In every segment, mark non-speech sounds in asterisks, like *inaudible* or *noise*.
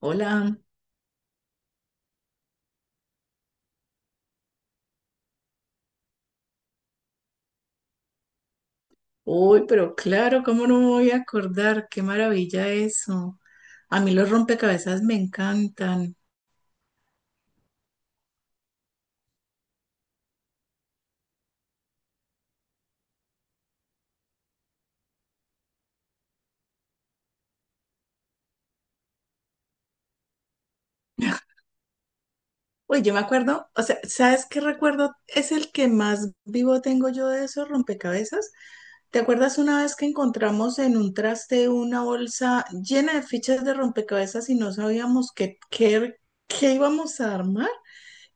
Hola, uy, pero claro, ¿cómo no me voy a acordar? Qué maravilla eso. A mí los rompecabezas me encantan. *laughs* Uy, yo me acuerdo, o sea, ¿sabes qué recuerdo? Es el que más vivo tengo yo de esos rompecabezas. ¿Te acuerdas una vez que encontramos en un traste una bolsa llena de fichas de rompecabezas y no sabíamos qué íbamos a armar?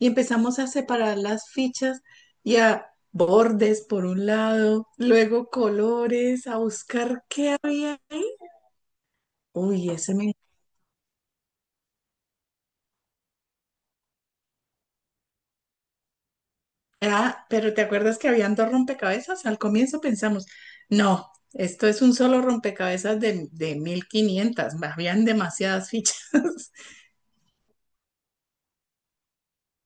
Y empezamos a separar las fichas y a bordes por un lado, luego colores, a buscar qué había ahí. Uy, ese me... Ah, pero ¿te acuerdas que habían dos rompecabezas? Al comienzo pensamos, no, esto es un solo rompecabezas de 1,500, habían demasiadas fichas. *laughs*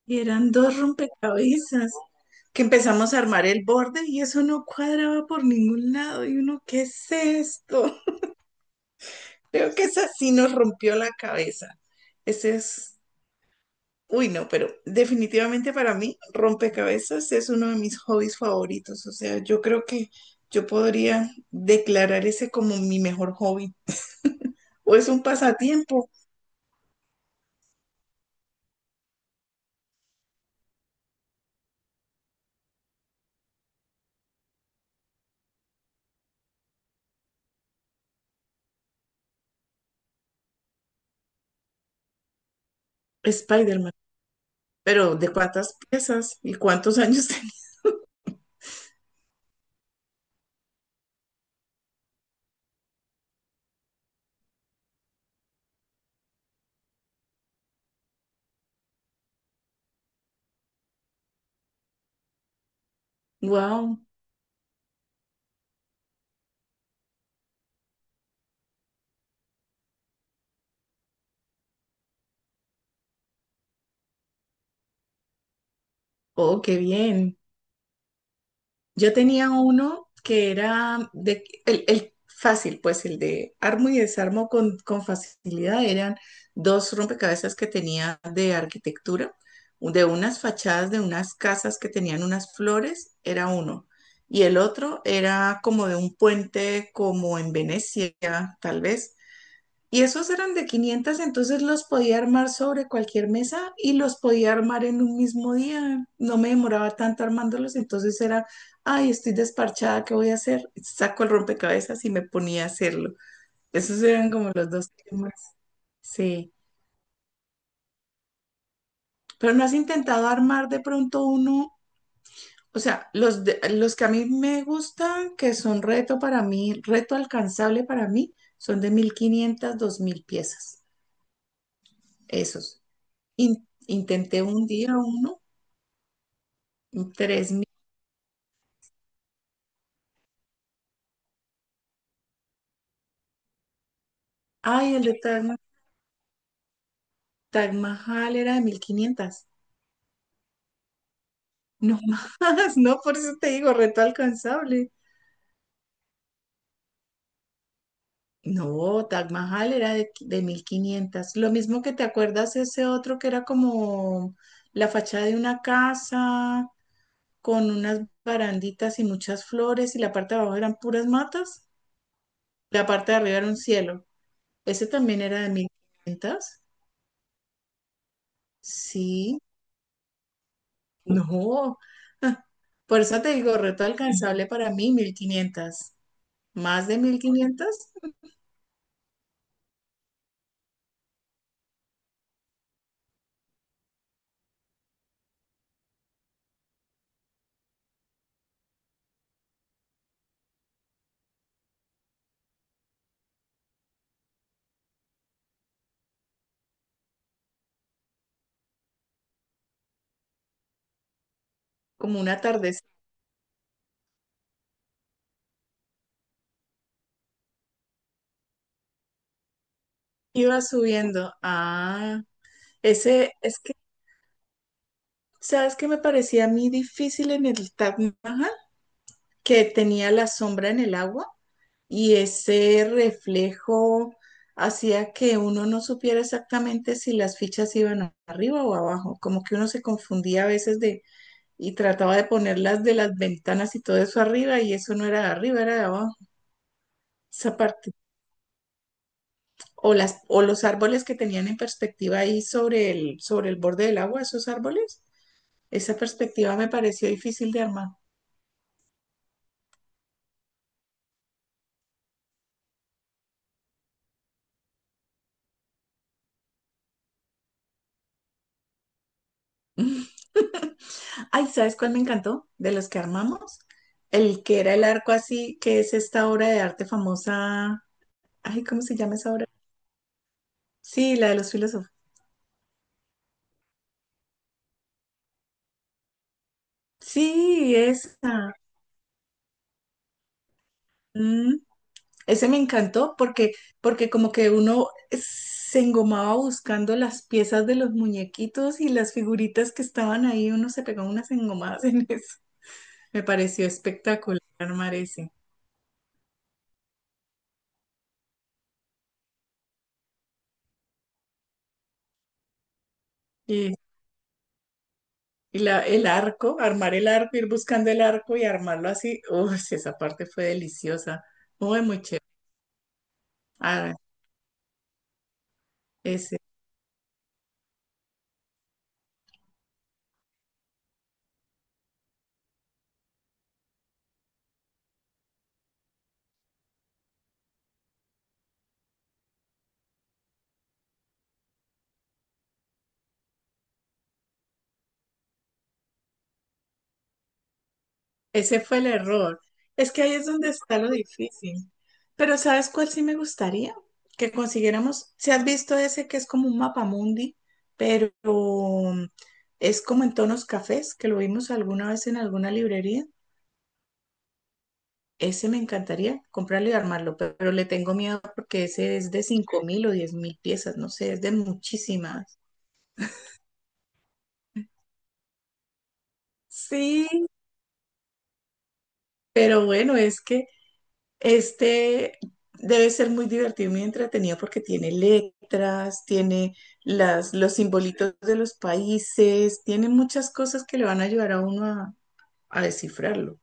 Y eran dos rompecabezas que empezamos a armar el borde y eso no cuadraba por ningún lado y uno, ¿qué es esto? Creo que esa sí nos rompió la cabeza. Ese es, uy, no, pero definitivamente para mí rompecabezas es uno de mis hobbies favoritos. O sea, yo creo que yo podría declarar ese como mi mejor hobby. O es un pasatiempo, Spider-Man. Pero ¿de cuántas piezas y cuántos *laughs* años tenía? Wow. Oh, qué bien. Yo tenía uno que era de, el fácil, pues el de armo y desarmo con facilidad. Eran dos rompecabezas que tenía de arquitectura, de unas fachadas de unas casas que tenían unas flores, era uno. Y el otro era como de un puente como en Venecia, tal vez, y esos eran de 500, entonces los podía armar sobre cualquier mesa y los podía armar en un mismo día. No me demoraba tanto armándolos, entonces era, ay, estoy desparchada, ¿qué voy a hacer? Saco el rompecabezas y me ponía a hacerlo. Esos eran como los dos temas. Sí. Pero no has intentado armar de pronto uno, o sea, los que a mí me gustan, que son reto para mí, reto alcanzable para mí, son de 1,500, 2,000 piezas. Esos. Intenté un día uno, 3,000. Ay, el de Taj Mahal era de 1,500. No más. *laughs* No, por eso te digo, reto alcanzable. No, Taj Mahal era de mil 1,500. Lo mismo que te acuerdas ese otro que era como la fachada de una casa con unas baranditas y muchas flores y la parte de abajo eran puras matas. La parte de arriba era un cielo. Ese también era de 1,500. Sí, no. *laughs* Por eso te digo, reto alcanzable para mí, 1,500. Más de 1,500. Como una tardecita. Iba subiendo. Ah, ese es que, ¿sabes qué me parecía a mí difícil en el Taj Mahal? Que tenía la sombra en el agua y ese reflejo hacía que uno no supiera exactamente si las fichas iban arriba o abajo. Como que uno se confundía a veces de y trataba de ponerlas de las ventanas y todo eso arriba y eso no era de arriba, era de abajo. Esa parte. O los árboles que tenían en perspectiva ahí sobre el borde del agua, esos árboles. Esa perspectiva me pareció difícil de armar. Ay, ¿sabes cuál me encantó? De los que armamos. El que era el arco así, que es esta obra de arte famosa. Ay, ¿cómo se llama esa obra? Sí, la de los filósofos. Sí, esa. Mm. Ese me encantó porque como que uno se engomaba buscando las piezas de los muñequitos y las figuritas que estaban ahí, uno se pegaba unas engomadas *laughs* en eso. Me pareció espectacular armar ese. Y, y el arco, armar el arco, ir buscando el arco y armarlo así. Uy, esa parte fue deliciosa. Muy, muy chévere. Ah, ese. Ese fue el error. Es que ahí es donde está lo difícil. Pero ¿sabes cuál sí me gustaría? Que consiguiéramos, si has visto ese que es como un mapamundi, pero es como en tonos cafés, que lo vimos alguna vez en alguna librería. Ese me encantaría comprarlo y armarlo, pero le tengo miedo porque ese es de 5,000 o 10,000 piezas, no sé, es de muchísimas. Sí, pero bueno, es que este debe ser muy divertido y muy entretenido porque tiene letras, tiene los simbolitos de los países, tiene muchas cosas que le van a ayudar a uno a, descifrarlo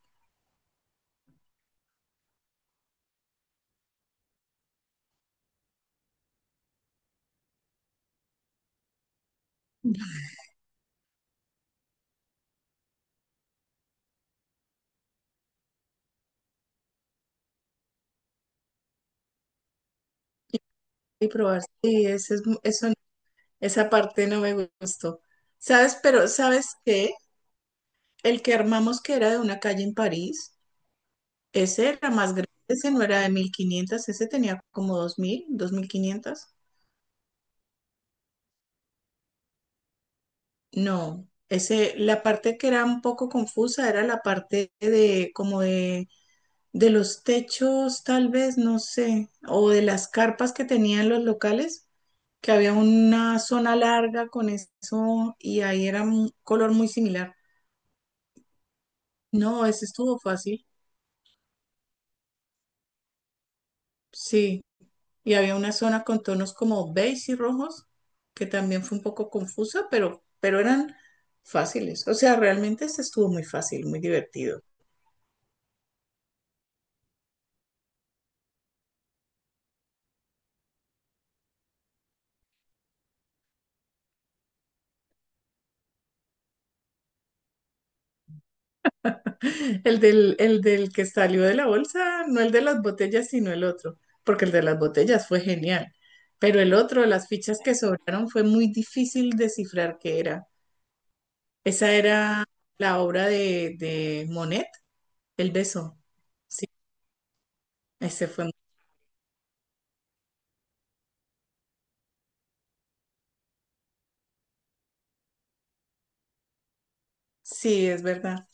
y probar. Sí, ese es, eso, esa parte no me gustó. ¿Sabes? Pero ¿sabes qué? El que armamos que era de una calle en París, ese era más grande, ese no era de 1,500, ese tenía como dos mil, 2,000 2,500. No, ese, la parte que era un poco confusa era la parte de como de los techos, tal vez, no sé, o de las carpas que tenían los locales, que había una zona larga con eso y ahí era un color muy similar. No, ese estuvo fácil, sí. Y había una zona con tonos como beige y rojos, que también fue un poco confusa, pero eran fáciles. O sea, realmente ese estuvo muy fácil, muy divertido. El del que salió de la bolsa, no el de las botellas, sino el otro, porque el de las botellas fue genial. Pero el otro, las fichas que sobraron, fue muy difícil descifrar qué era. Esa era la obra de Monet, El beso. Sí, ese fue. Sí, es verdad.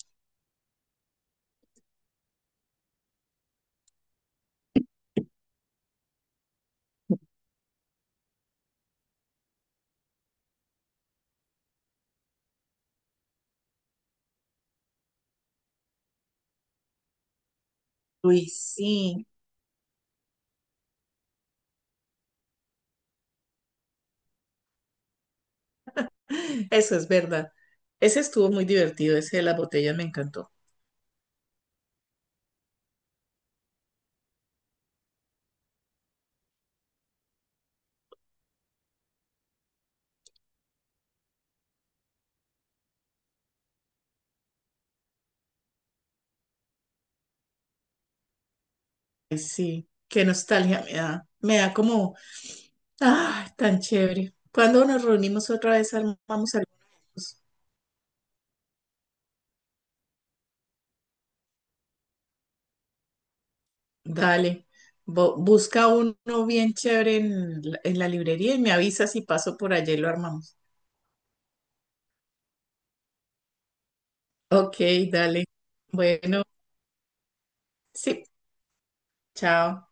Luis, sí, eso es verdad. Ese estuvo muy divertido, ese de las botellas me encantó. Ay, sí, qué nostalgia me da. Me da como, ah, tan chévere. Cuando nos reunimos otra vez, armamos alguna de esos. Dale, busca uno bien chévere en la librería y me avisa si paso por allá y lo armamos. Ok, dale. Bueno, sí, chao.